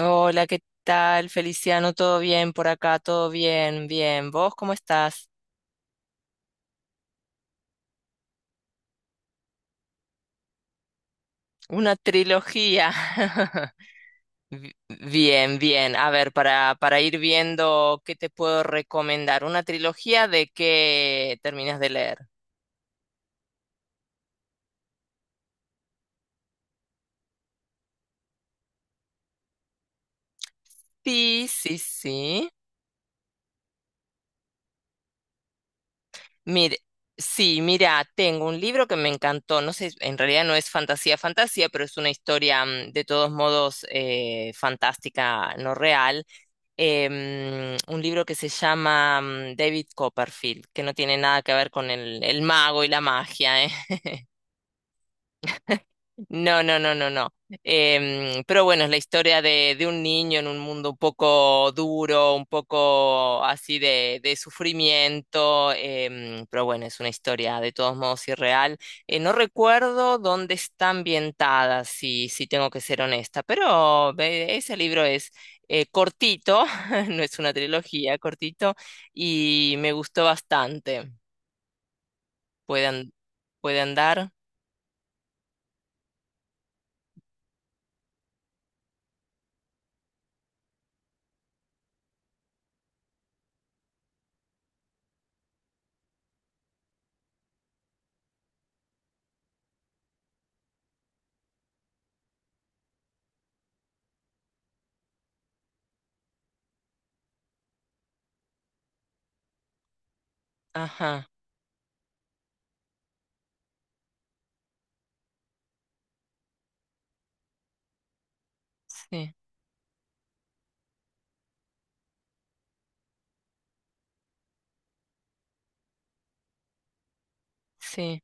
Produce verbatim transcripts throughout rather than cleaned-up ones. Hola, ¿qué tal, Feliciano? ¿Todo bien por acá? ¿Todo bien? Bien. ¿Vos cómo estás? Una trilogía. Bi- Bien, bien. A ver, para, para ir viendo qué te puedo recomendar. ¿Una trilogía de qué terminas de leer? Sí, sí, sí. Mire, sí, mira, tengo un libro que me encantó. No sé, en realidad no es fantasía, fantasía, pero es una historia mm, de todos modos eh, fantástica, no real em, un libro que se llama mm, David Copperfield, que no tiene nada que ver con el, el mago y la magia, ¿eh? No, no, no, no, no. Em, pero bueno, es la historia de, de un niño en un mundo un poco duro, un poco así de, de sufrimiento, em, pero bueno, es una historia de todos modos irreal. Eh, no recuerdo dónde está ambientada, si, si tengo que ser honesta, pero eh, ese libro es eh, cortito, no es una trilogía, cortito, y me gustó bastante. Puede, an- puede andar. Ajá, sí, sí,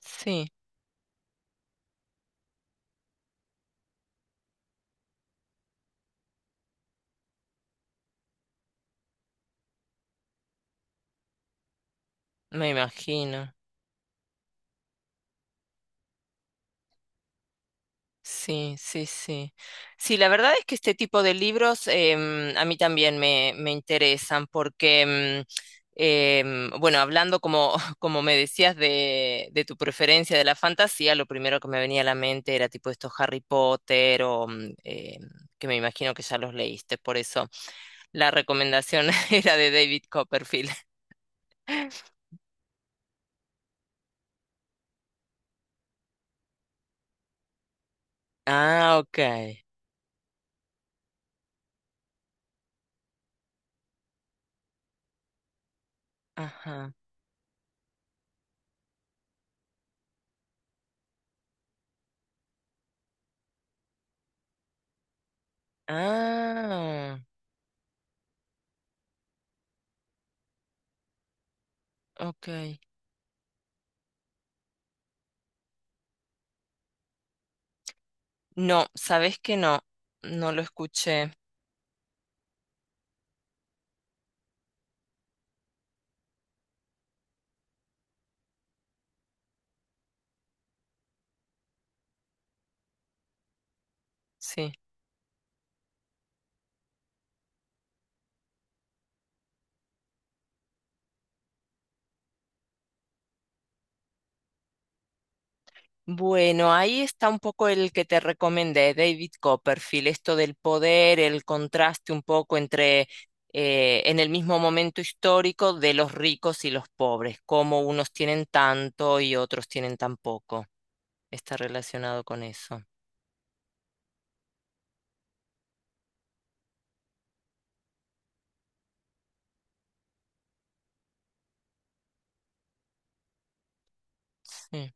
sí. Me imagino. Sí, sí, sí. Sí, la verdad es que este tipo de libros em, a mí también me, me interesan porque, em, em, bueno, hablando como, como me decías de, de tu preferencia de la fantasía, lo primero que me venía a la mente era tipo estos Harry Potter o mm, em, que me imagino que ya los leíste, por eso la recomendación era de David Copperfield. Ah, ok. Ajá. Ah, ok. No, sabes que no, no lo escuché. Sí. Bueno, ahí está un poco el que te recomendé, David Copperfield, esto del poder, el contraste un poco entre eh, en el mismo momento histórico de los ricos y los pobres, cómo unos tienen tanto y otros tienen tan poco. Está relacionado con eso. Sí.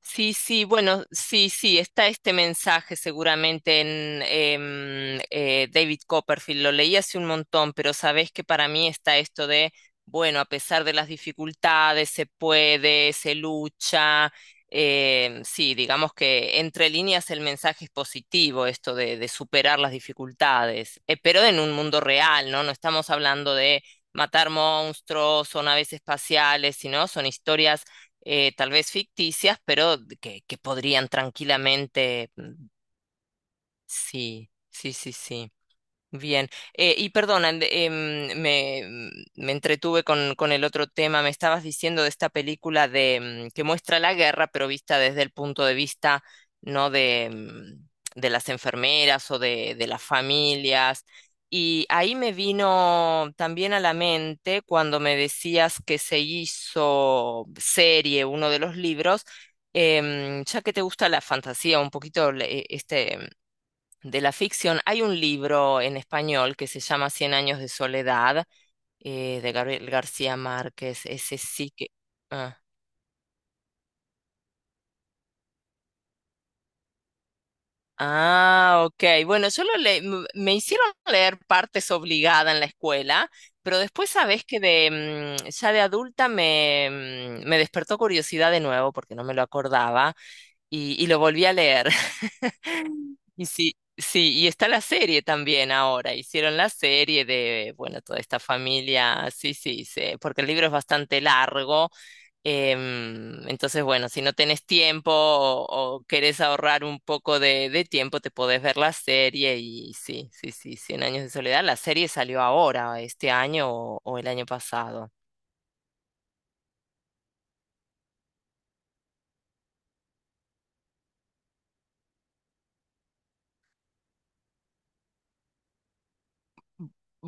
Sí, sí, bueno, sí, sí, está este mensaje seguramente en em, eh, David Copperfield, lo leí hace un montón, pero sabés que para mí está esto de, bueno, a pesar de las dificultades, se puede, se lucha, em, sí, digamos que entre líneas el mensaje es positivo, esto de, de superar las dificultades, eh, pero en un mundo real, ¿no? No estamos hablando de matar monstruos o naves espaciales, sino son historias eh, tal vez ficticias, pero que, que podrían tranquilamente. mm, Sí, sí, sí, sí. Bien. Eh, y perdona, en- em, me, mm, me entretuve con, con el otro tema. Me estabas diciendo de esta película de mm, que muestra la guerra, pero vista desde el punto de vista, no de, mm, de las enfermeras o de, de las familias. Y ahí me vino también a la mente cuando me decías que se hizo serie uno de los libros. Em, ya que te gusta la fantasía, un poquito le- eh, este, de la ficción, hay un libro en español que se llama Cien años de soledad, eh, de Gabriel García Márquez. Ese sí que... ah. Ah, ok. Bueno, yo lo le m- me hicieron leer partes obligada en la escuela, pero después sabes que de mm, ya de adulta me, mm, me despertó curiosidad de nuevo porque no me lo acordaba y, y lo volví a leer. Y sí, sí, y está la serie también ahora. Hicieron la serie de, bueno, toda esta familia, sí, sí, sí, porque el libro es bastante largo. Em, entonces, bueno, si no tenés tiempo o, o querés ahorrar un poco de, de tiempo, te podés ver la serie y sí, sí, sí, Cien años de soledad. La serie salió ahora, este año o, o el año pasado.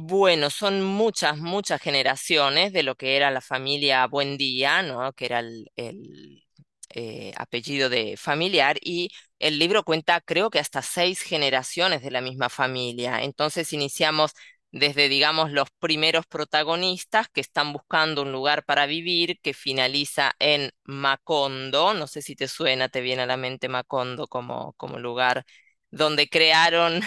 Bueno, son muchas, muchas generaciones de lo que era la familia Buendía, ¿no? Que era el, el, eh, apellido de familiar, y el libro cuenta, creo que hasta seis generaciones de la misma familia. Entonces iniciamos desde, digamos, los primeros protagonistas que están buscando un lugar para vivir, que finaliza en Macondo. No sé si te suena, te viene a la mente Macondo como, como lugar donde crearon.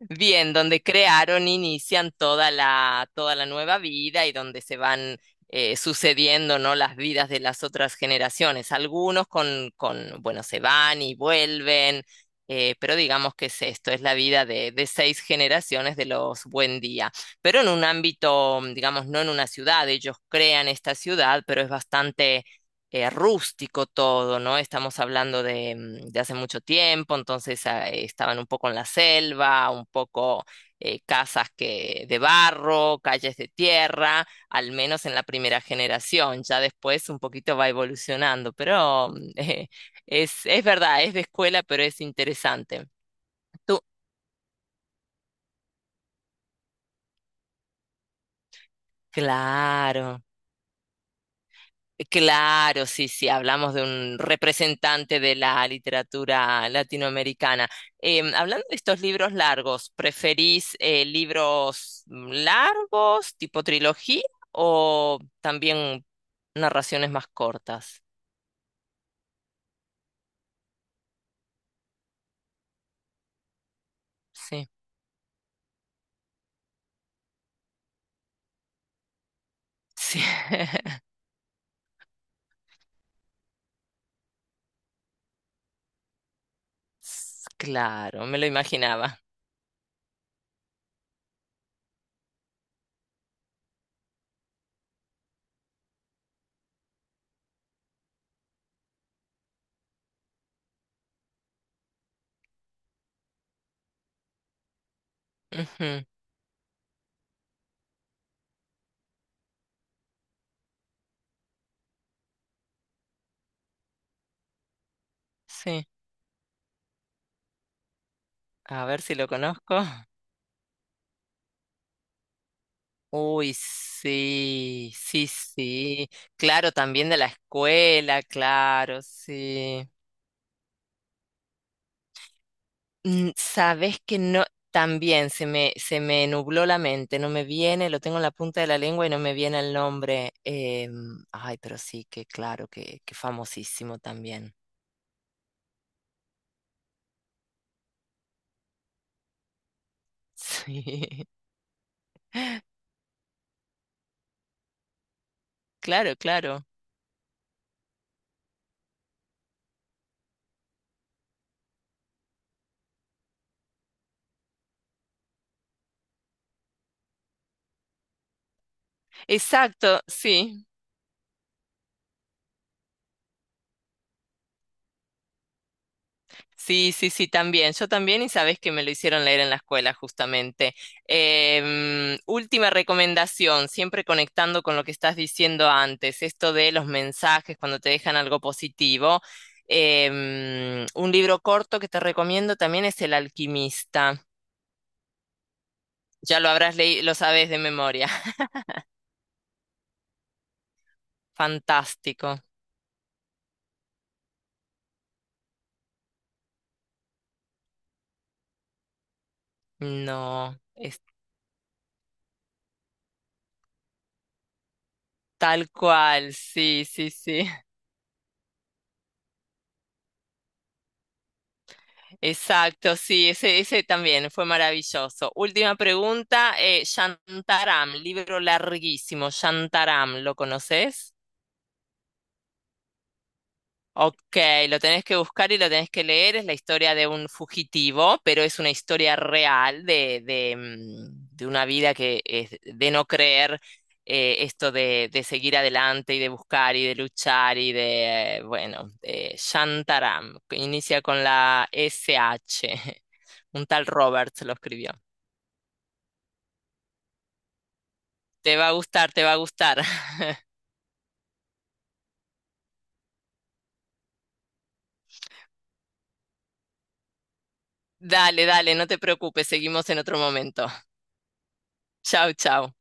Bien, donde crearon, inician toda la, toda la nueva vida y donde se van eh, sucediendo, ¿no? Las vidas de las otras generaciones. Algunos con, con, bueno, se van y vuelven, eh, pero digamos que es esto, es la vida de, de seis generaciones de los Buen Día. Pero en un ámbito, digamos, no en una ciudad, ellos crean esta ciudad, pero es bastante eh, rústico todo, ¿no? Estamos hablando de, mm, de hace mucho tiempo, entonces ah, eh, estaban un poco en la selva, un poco eh, casas que, de barro, calles de tierra, al menos en la primera generación, ya después un poquito va evolucionando, pero mm, eh, es, es verdad, es de escuela, pero es interesante. Tú, claro. Claro, sí, sí, hablamos de un representante de la literatura latinoamericana. Em, hablando de estos libros largos, ¿preferís eh, libros largos, tipo trilogía, o también narraciones más cortas? Sí, sí. S- Claro, me lo imaginaba. Ujú, sí, a ver si lo conozco. Uy, sí, sí, sí. Claro, también de la escuela, claro, sí. Mm, sabes que no, también se me, se me nubló la mente, no me viene, lo tengo en la punta de la lengua y no me viene el nombre. Em, ay, pero sí, que claro, que, que famosísimo también. Sí, claro, claro. Exacto, sí. Sí, sí, sí, también. Yo también, y sabes que me lo hicieron leer en la escuela, justamente. Em, última recomendación, siempre conectando con lo que estás diciendo antes, esto de los mensajes cuando te dejan algo positivo. Em, un libro corto que te recomiendo también es El Alquimista. Ya lo habrás leído, lo sabes de memoria. Fantástico. No, es tal cual. Sí, sí, sí. Exacto, sí, ese, ese también fue maravilloso. Última pregunta, eh, Shantaram, libro larguísimo, Shantaram, ¿lo conoces? Ok, lo tenés que buscar y lo tenés que leer. Es la historia de un fugitivo, pero es una historia real de, de, mm, de una vida que es de no creer eh, esto de, de seguir adelante y de buscar y de luchar y de, eh, bueno, de Shantaram, que inicia con la S H. Un tal Roberts lo escribió. Te va a gustar, te va a gustar. Dale, dale, no te preocupes, seguimos en otro momento. Chau, chau.